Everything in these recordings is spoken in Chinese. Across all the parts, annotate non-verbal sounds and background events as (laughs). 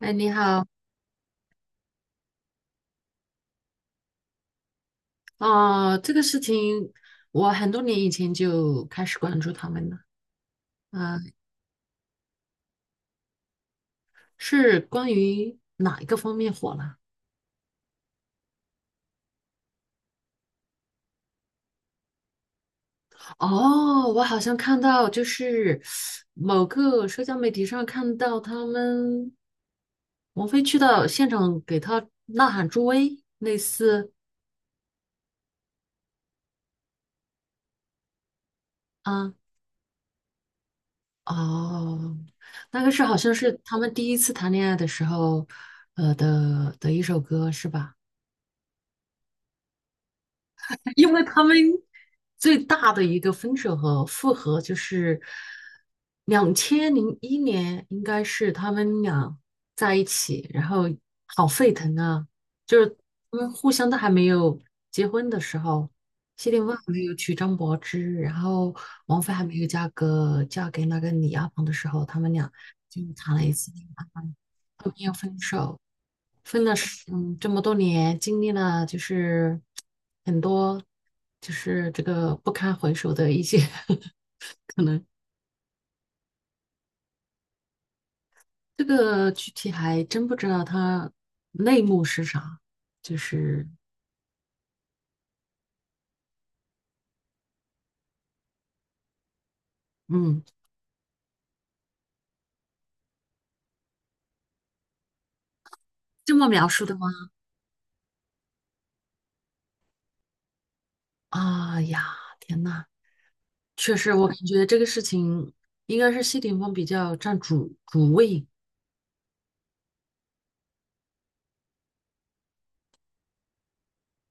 哎，你好。哦，这个事情我很多年以前就开始关注他们了。啊、是关于哪一个方面火了？哦，我好像看到就是某个社交媒体上看到他们王菲去到现场给他呐喊助威，类似。啊，哦，那个是好像是他们第一次谈恋爱的时候，的一首歌是吧？(laughs) 因为他们最大的一个分手和复合就是2001年，应该是他们俩在一起，然后好沸腾啊！就是他们互相都还没有结婚的时候，谢霆锋还没有娶张柏芝，然后王菲还没有嫁给那个李亚鹏的时候，他们俩就谈了一次恋爱，后面又分手，分了十这么多年，经历了就是很多，就是这个不堪回首的一些 (laughs) 可能，这个具体还真不知道它内幕是啥，就是嗯这么描述的吗？啊呀，天呐，确实我感觉这个事情应该是谢霆锋比较占主位。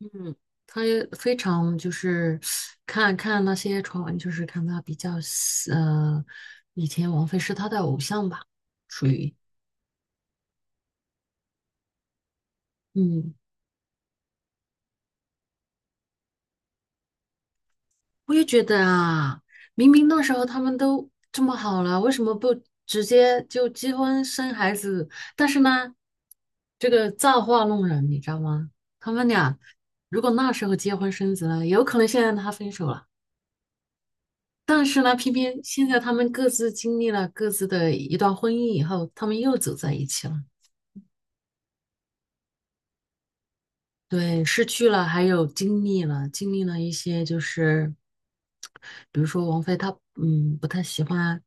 嗯，他也非常就是看看那些传闻，就是看他比较呃，以前王菲是他的偶像吧，属于。嗯，我也觉得啊，明明那时候他们都这么好了，为什么不直接就结婚生孩子？但是呢，这个造化弄人，你知道吗？他们俩如果那时候结婚生子了，有可能现在他分手了。但是呢，偏偏现在他们各自经历了各自的一段婚姻以后，他们又走在一起了。对，失去了，还有经历了，经历了一些，就是比如说王菲她，不太喜欢，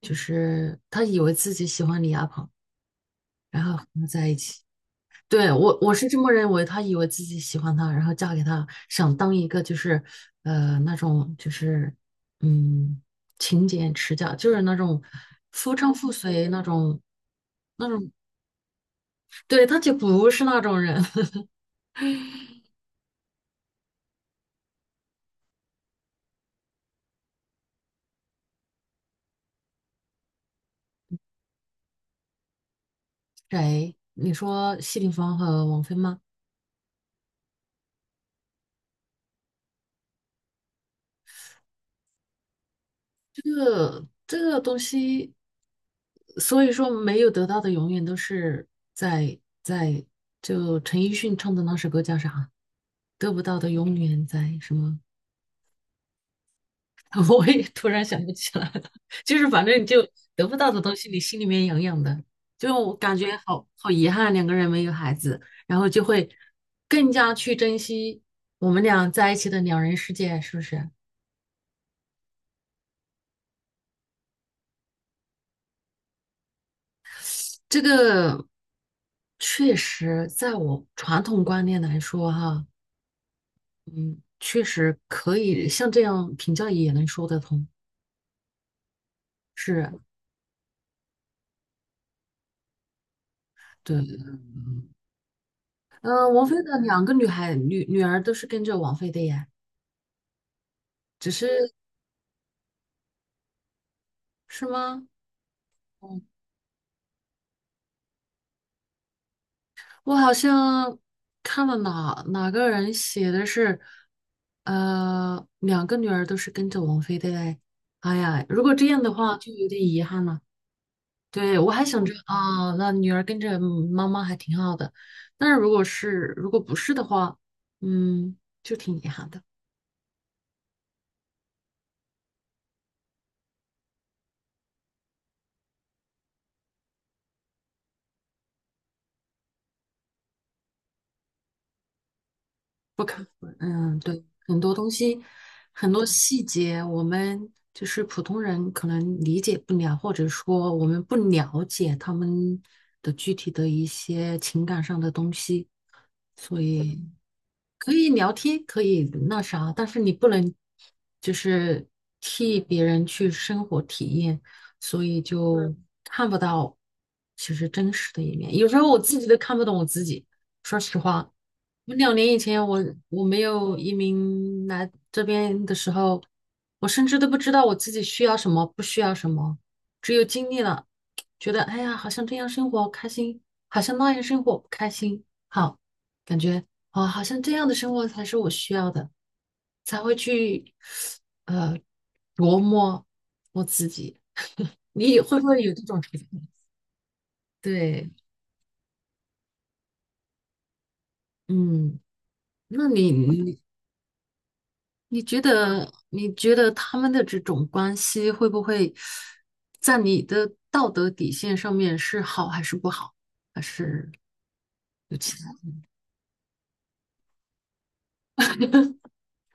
就是她以为自己喜欢李亚鹏，然后和他在一起。对，我是这么认为，她以为自己喜欢他，然后嫁给他，想当一个就是，那种就是，嗯，勤俭持家，就是那种夫唱妇随那种，那种。对，他就不是那种人。(laughs) 谁？你说谢霆锋和王菲吗？这个东西，所以说没有得到的永远都是在就陈奕迅唱的那首歌叫啥？得不到的永远在什么？(laughs) 我也突然想不起来了，就是反正就得不到的东西，你心里面痒痒的，就我感觉好好遗憾，两个人没有孩子，然后就会更加去珍惜我们俩在一起的两人世界，是不是？这个确实，在我传统观念来说，哈。嗯，确实可以像这样评价也能说得通。是，对。王菲的两个女孩女女儿都是跟着王菲的呀，只是。是吗？嗯，我好像看了哪个人写的是，两个女儿都是跟着王菲的嘞。哎呀，如果这样的话，就有点遗憾了。对，我还想着啊，那女儿跟着妈妈还挺好的，但是如果不是的话，嗯，就挺遗憾的。不可。嗯，对，很多东西，很多细节，我们就是普通人可能理解不了，或者说我们不了解他们的具体的一些情感上的东西，所以。可以聊天，可以那啥，但是你不能就是替别人去生活体验，所以就看不到其实真实的一面。有时候我自己都看不懂我自己，说实话，我2年以前我没有移民来这边的时候，我甚至都不知道我自己需要什么，不需要什么，只有经历了，觉得哎呀，好像这样生活开心，好像那样生活不开心，好。感觉哦，好像这样的生活才是我需要的，才会去呃琢磨我自己。(laughs) 你也会不会有这种情况？对，嗯，那你觉得他们的这种关系会不会在你的道德底线上面是好还是不好，还是有其他？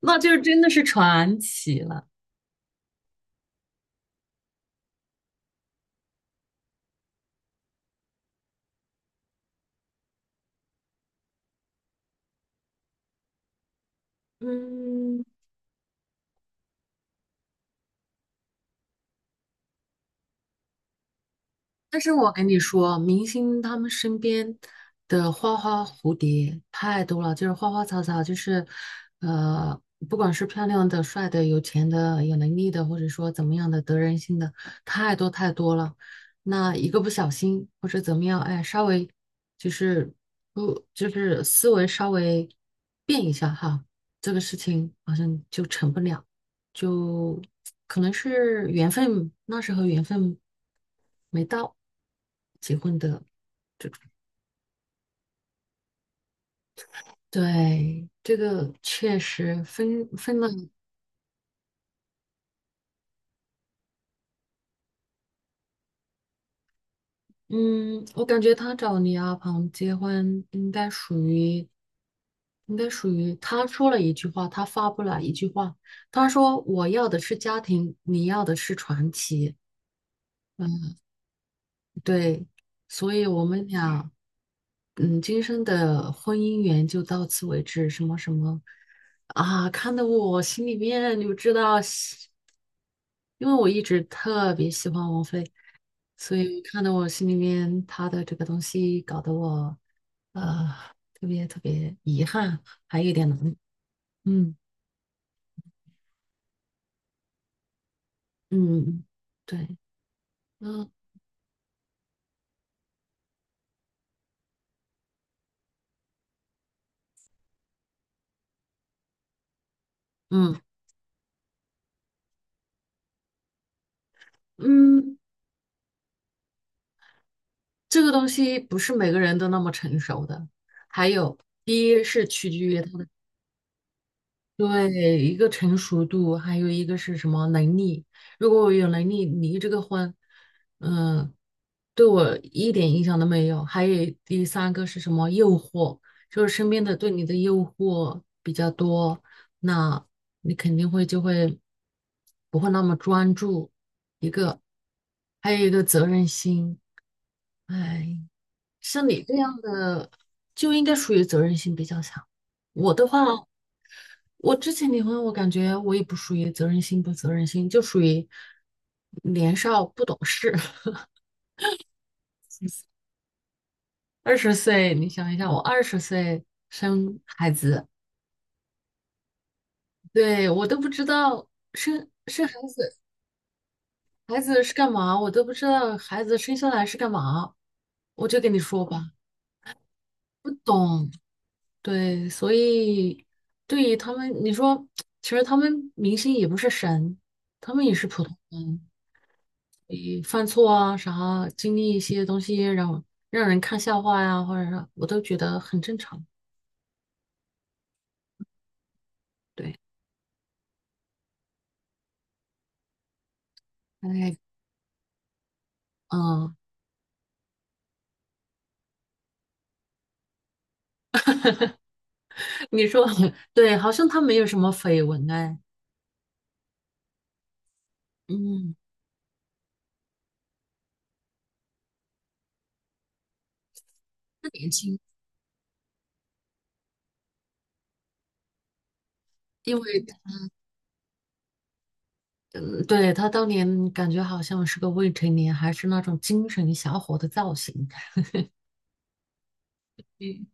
那就真的是传奇了。嗯，但是我跟你说，明星他们身边的花花蝴蝶太多了，就是花花草草，就是呃，不管是漂亮的、帅的、有钱的、有能力的，或者说怎么样的得人心的，太多太多了。那一个不小心或者怎么样，哎，稍微就是不就是思维稍微变一下哈，这个事情好像就成不了。就可能是缘分，那时候缘分没到结婚的。对，这个确实分了。嗯，我感觉他找李亚鹏结婚，应该属于他说了一句话，他发布了一句话，他说我要的是家庭，你要的是传奇。嗯，对，所以我们俩。嗯，今生的婚姻缘就到此为止，什么什么啊，看得我心里面你就知道喜，因为我一直特别喜欢王菲，所以看得我心里面她的这个东西搞得我呃特别特别遗憾，还有点难。嗯嗯，对，嗯嗯嗯，这个东西不是每个人都那么成熟的。还有，第一是取决于他的。对，一个成熟度，还有一个是什么能力。如果我有能力离这个婚，嗯，对我一点影响都没有。还有第三个是什么诱惑，就是身边的对你的诱惑比较多，那你肯定会不会那么专注。一个，还有一个责任心。哎，像你这样的就应该属于责任心比较强。我的话。我之前离婚，我感觉我也不属于责任心不责任心，就属于年少不懂事。(laughs) 二十岁，你想一下，我二十岁生孩子，对，我都不知道生孩子，孩子是干嘛，我都不知道孩子生下来是干嘛，我就跟你说吧，不懂。对，所以对于他们，你说，其实他们明星也不是神，他们也是普通人，你犯错啊啥，经历一些东西让人看笑话呀，或者是我都觉得很正常。对，哎，嗯，(laughs) 你说 (laughs) 对，好像他没有什么绯闻哎。嗯，他年轻，因为嗯，对，他当年感觉好像是个未成年，还是那种精神小伙的造型。嗯，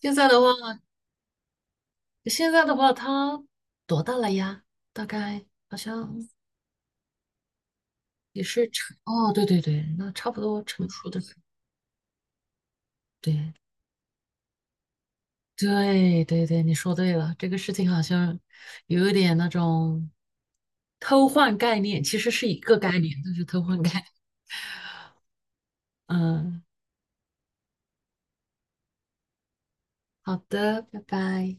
现在的话，现在的话，他多大了呀？大概好像也是成，哦，对对对，那差不多成熟的时候。对，对对对，你说对了，这个事情好像有一点那种偷换概念，其实是一个概念，就是偷换概念。嗯，好的，拜拜。